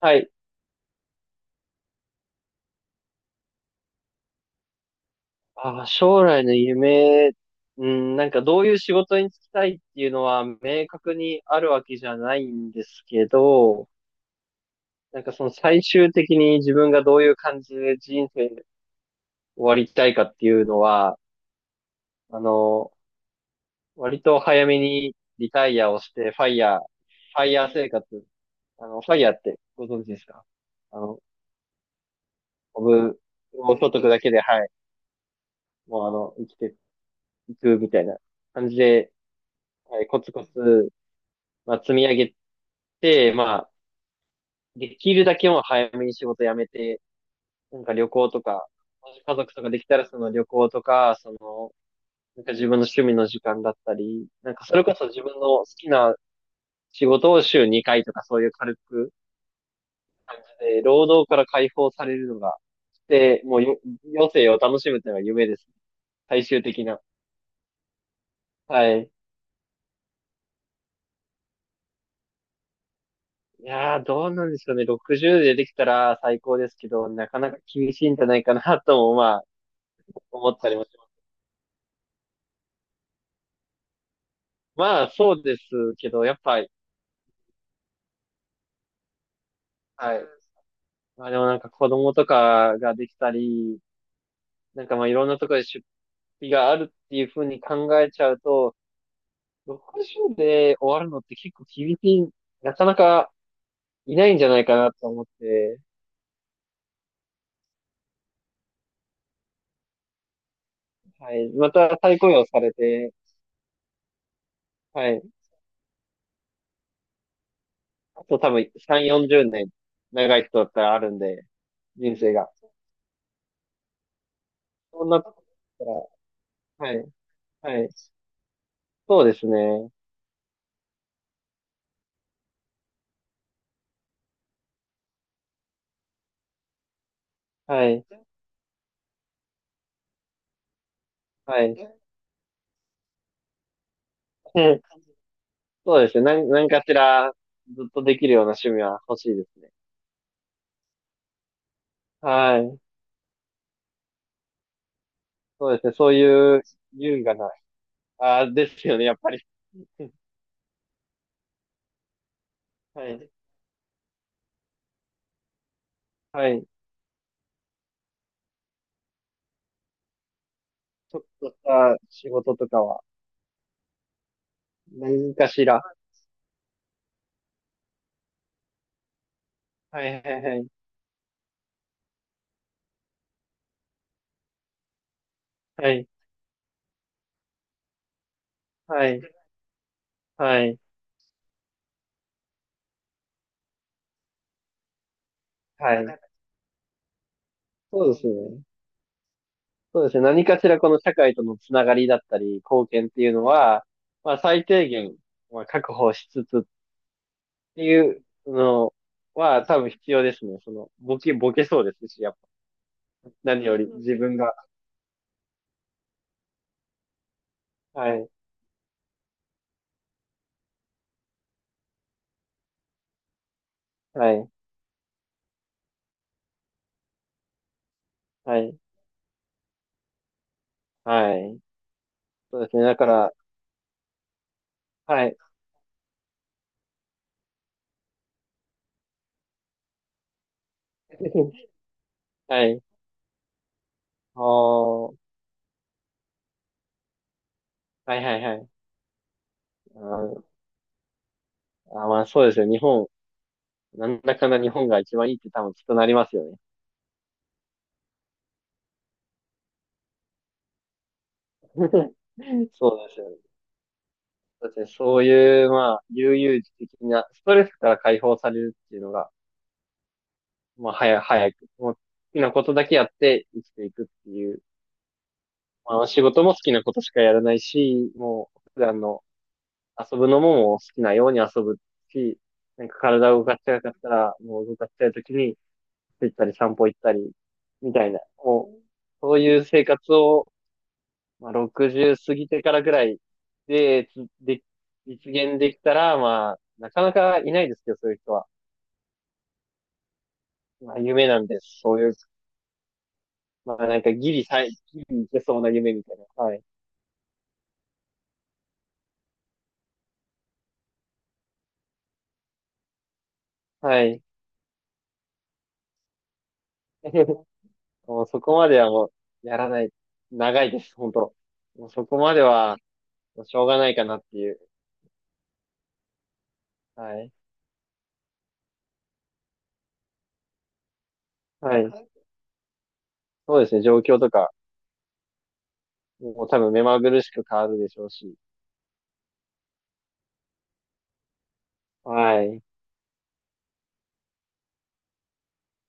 はい。将来の夢、うん、なんかどういう仕事に就きたいっていうのは明確にあるわけじゃないんですけど、なんかその最終的に自分がどういう感じで人生終わりたいかっていうのは、あの、割と早めにリタイアをして、ファイヤー生活、ファイヤーってご存知ですか？あの、オブ、ご所得だけで、はい、もう生きていくみたいな感じで、はい、コツコツ積み上げて、まあ、できるだけもう早めに仕事辞めて、なんか旅行とか、もし家族とかできたらその旅行とか、その、なんか自分の趣味の時間だったり、なんかそれこそ自分の好きな仕事を週2回とかそういう軽く、労働から解放されるのが、で、もう余生を楽しむというのが夢です。最終的な。はい。いやー、どうなんでしょうね。60でできたら最高ですけど、なかなか厳しいんじゃないかなとも、まあ、思ったりもしそうですけど、やっぱ、はい。まあでもなんか子供とかができたり、なんかいろんなところで出費があるっていうふうに考えちゃうと、60で終わるのって結構厳しい、なかなかいないんじゃないかなと思って、はい。また再雇用されて、はい。あと多分3、40年長い人だったらあるんで、人生が。そんなところだったら、はい。はい。そうですね。はい。はい。そうですね。何かしらずっとできるような趣味は欲しいですね。はい。そうですね。そういう優雅な、ああ、ですよね、やっぱり。はい。はい。そうした仕事とかは、何かしら。はい、はい、はい。はい。はい。はい。はい。そうですね。そうですね。何かしらこの社会とのつながりだったり、貢献っていうのは、まあ最低限、まあ確保しつつっていうのは多分必要ですね。その、ボケそうですし、やっぱり何より、自分が。はい、はい、はい、はい。そうですね。だから、はい、はい、おー、はい、はい、はい。あー、まあ、そうですよ。日本、なんだかんだ日本が一番いいって多分きっとなりますよね。そうですよね。そうですね。そういう、まあ、悠々自適な、ストレスから解放されるっていうのが、まあ、早く、もう、好きなことだけやって生きていくっていう、まあ、仕事も好きなことしかやらないし、もう、普段の、遊ぶのももう好きなように遊ぶし、なんか体を動かしたかったら、もう動かしたい時に、つたり散歩行ったり、みたいな、もう、そういう生活を、まあ、60過ぎてからぐらいで、実現できたら、まあ、なかなかいないですけど、そういう人は。まあ、夢なんです。そういう、まあ、なんかギリいけそうな夢みたいな。はい。はい。もうそこまではもう、やらない。長いです、本当。もうそこまでは、しょうがないかなっていう。はい。はい。そうですね。状況とか、もう多分目まぐるしく変わるでしょうし。はい。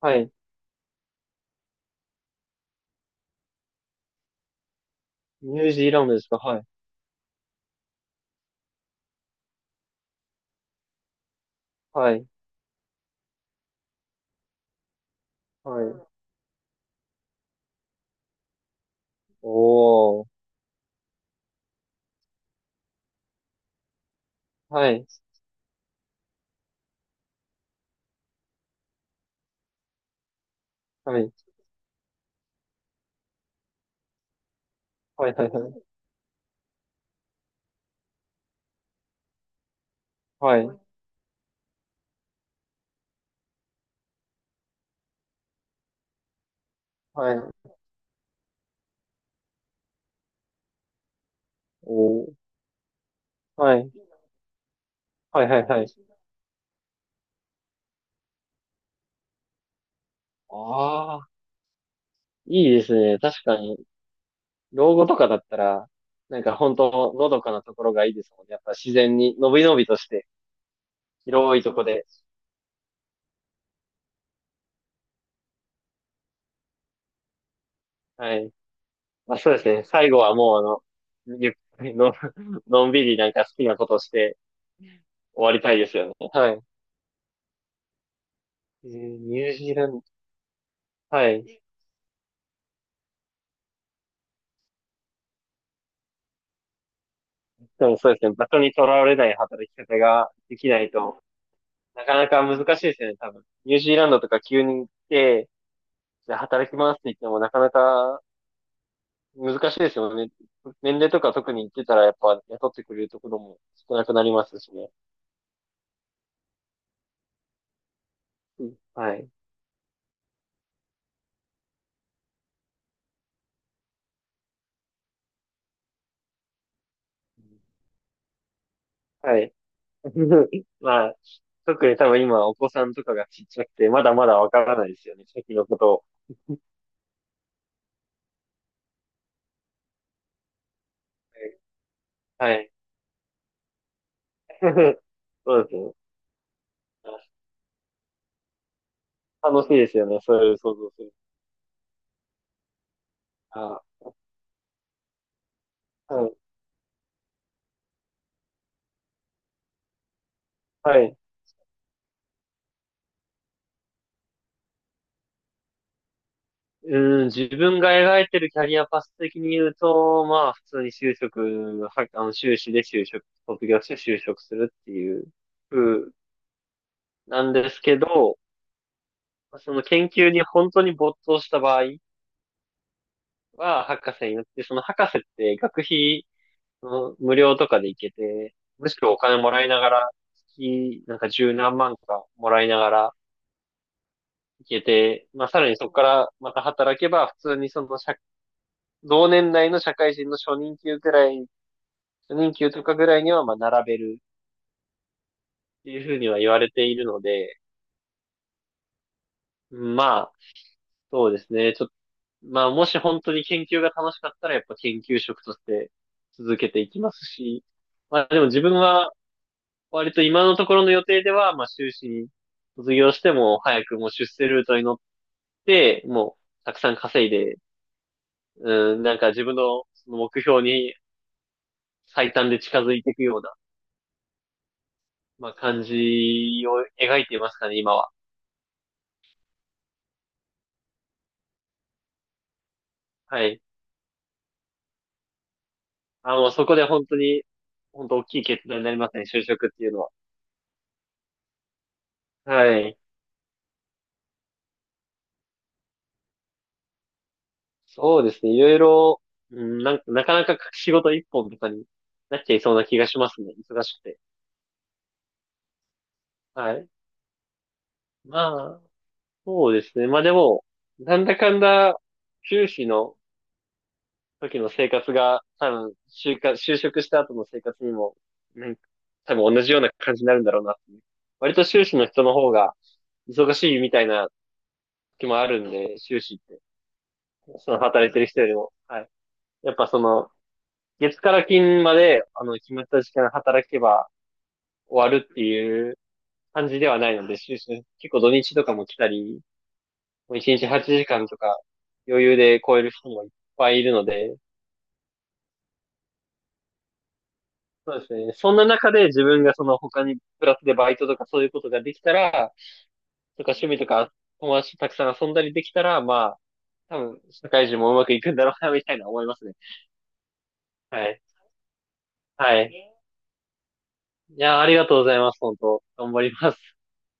はい。ニュージーランドですか？はい。はい。はい。おー。はい。はい。はい。はい。はい。はい。はい。おー。はい。はい。はい。はい。ああ、いいですね。確かに、老後とかだったら、なんか本当、のどかなところがいいですもんね。やっぱ自然に、のびのびとして、広いとこで。はい。まあ、そうですね。最後はもう、ゆっくりの、のんびりなんか好きなことして終わりたいですよね。はい。えーニュージーランド、はい。でもそうですね。場所にとらわれない働き方ができないと、なかなか難しいですよね、多分。ニュージーランドとか急に行って、じゃあ働きますって言ってもなかなか難しいですよね。年齢とか特に行ってたらやっぱ雇ってくれるところも少なくなりますしね。うん、はい。はい。まあ、特に多分今お子さんとかがちっちゃくて、まだまだわからないですよね、先のことを。はい。そうですね。楽しいですよね、そういう想像する。あ、はい。はい。うん、自分が描いてるキャリアパス的に言うと、まあ、普通に就職、は、あの、修士で就職、卒業して就職するっていう風なんですけど、その研究に本当に没頭した場合は、博士になって、その博士って学費うん無料とかで行けて、むしろお金もらいながら、月、なんか十何万かもらいながら行けて、まあさらにそこからまた働けば、普通にその社、同年代の社会人の初任給ぐらい、初任給ぐらいにはまあ並べるっていうふうには言われているので、うん、まあ、そうですね。ちょっと、まあもし本当に研究が楽しかったらやっぱ研究職として続けていきますし、まあでも自分は割と今のところの予定では、まあ、修士に卒業しても、早くもう出世ルートに乗って、もう、たくさん稼いで、うん、なんか自分のその目標に最短で近づいていくような、まあ、感じを描いていますかね、今は。はい。そこで本当に、本当大きい決断になりますね、就職っていうのは。はい。そうですね、いろいろ、うん、なんか、なかなか仕事一本とかになっちゃいそうな気がしますね、忙しくて。はい。まあ、そうですね。まあでも、なんだかんだ、修士の時の生活が、多分、就活、就職した後の生活にも、なんか、多分同じような感じになるんだろうなっていう。割と修士の人の方が忙しいみたいな時もあるんで、修士って、その働いてる人よりも、はい。やっぱその、月から金まで、決まった時間働けば終わるっていう感じではないので、修士、結構土日とかも来たり、もう1日8時間とか余裕で超える人もいっぱいいるので、そうですね。そんな中で自分がその他にプラスでバイトとかそういうことができたら、とか趣味とか友達とたくさん遊んだりできたら、まあ、多分社会人もうまくいくんだろうな、みたいな思いますね。はい。はい。いやー、ありがとうございます、本当。頑張ります。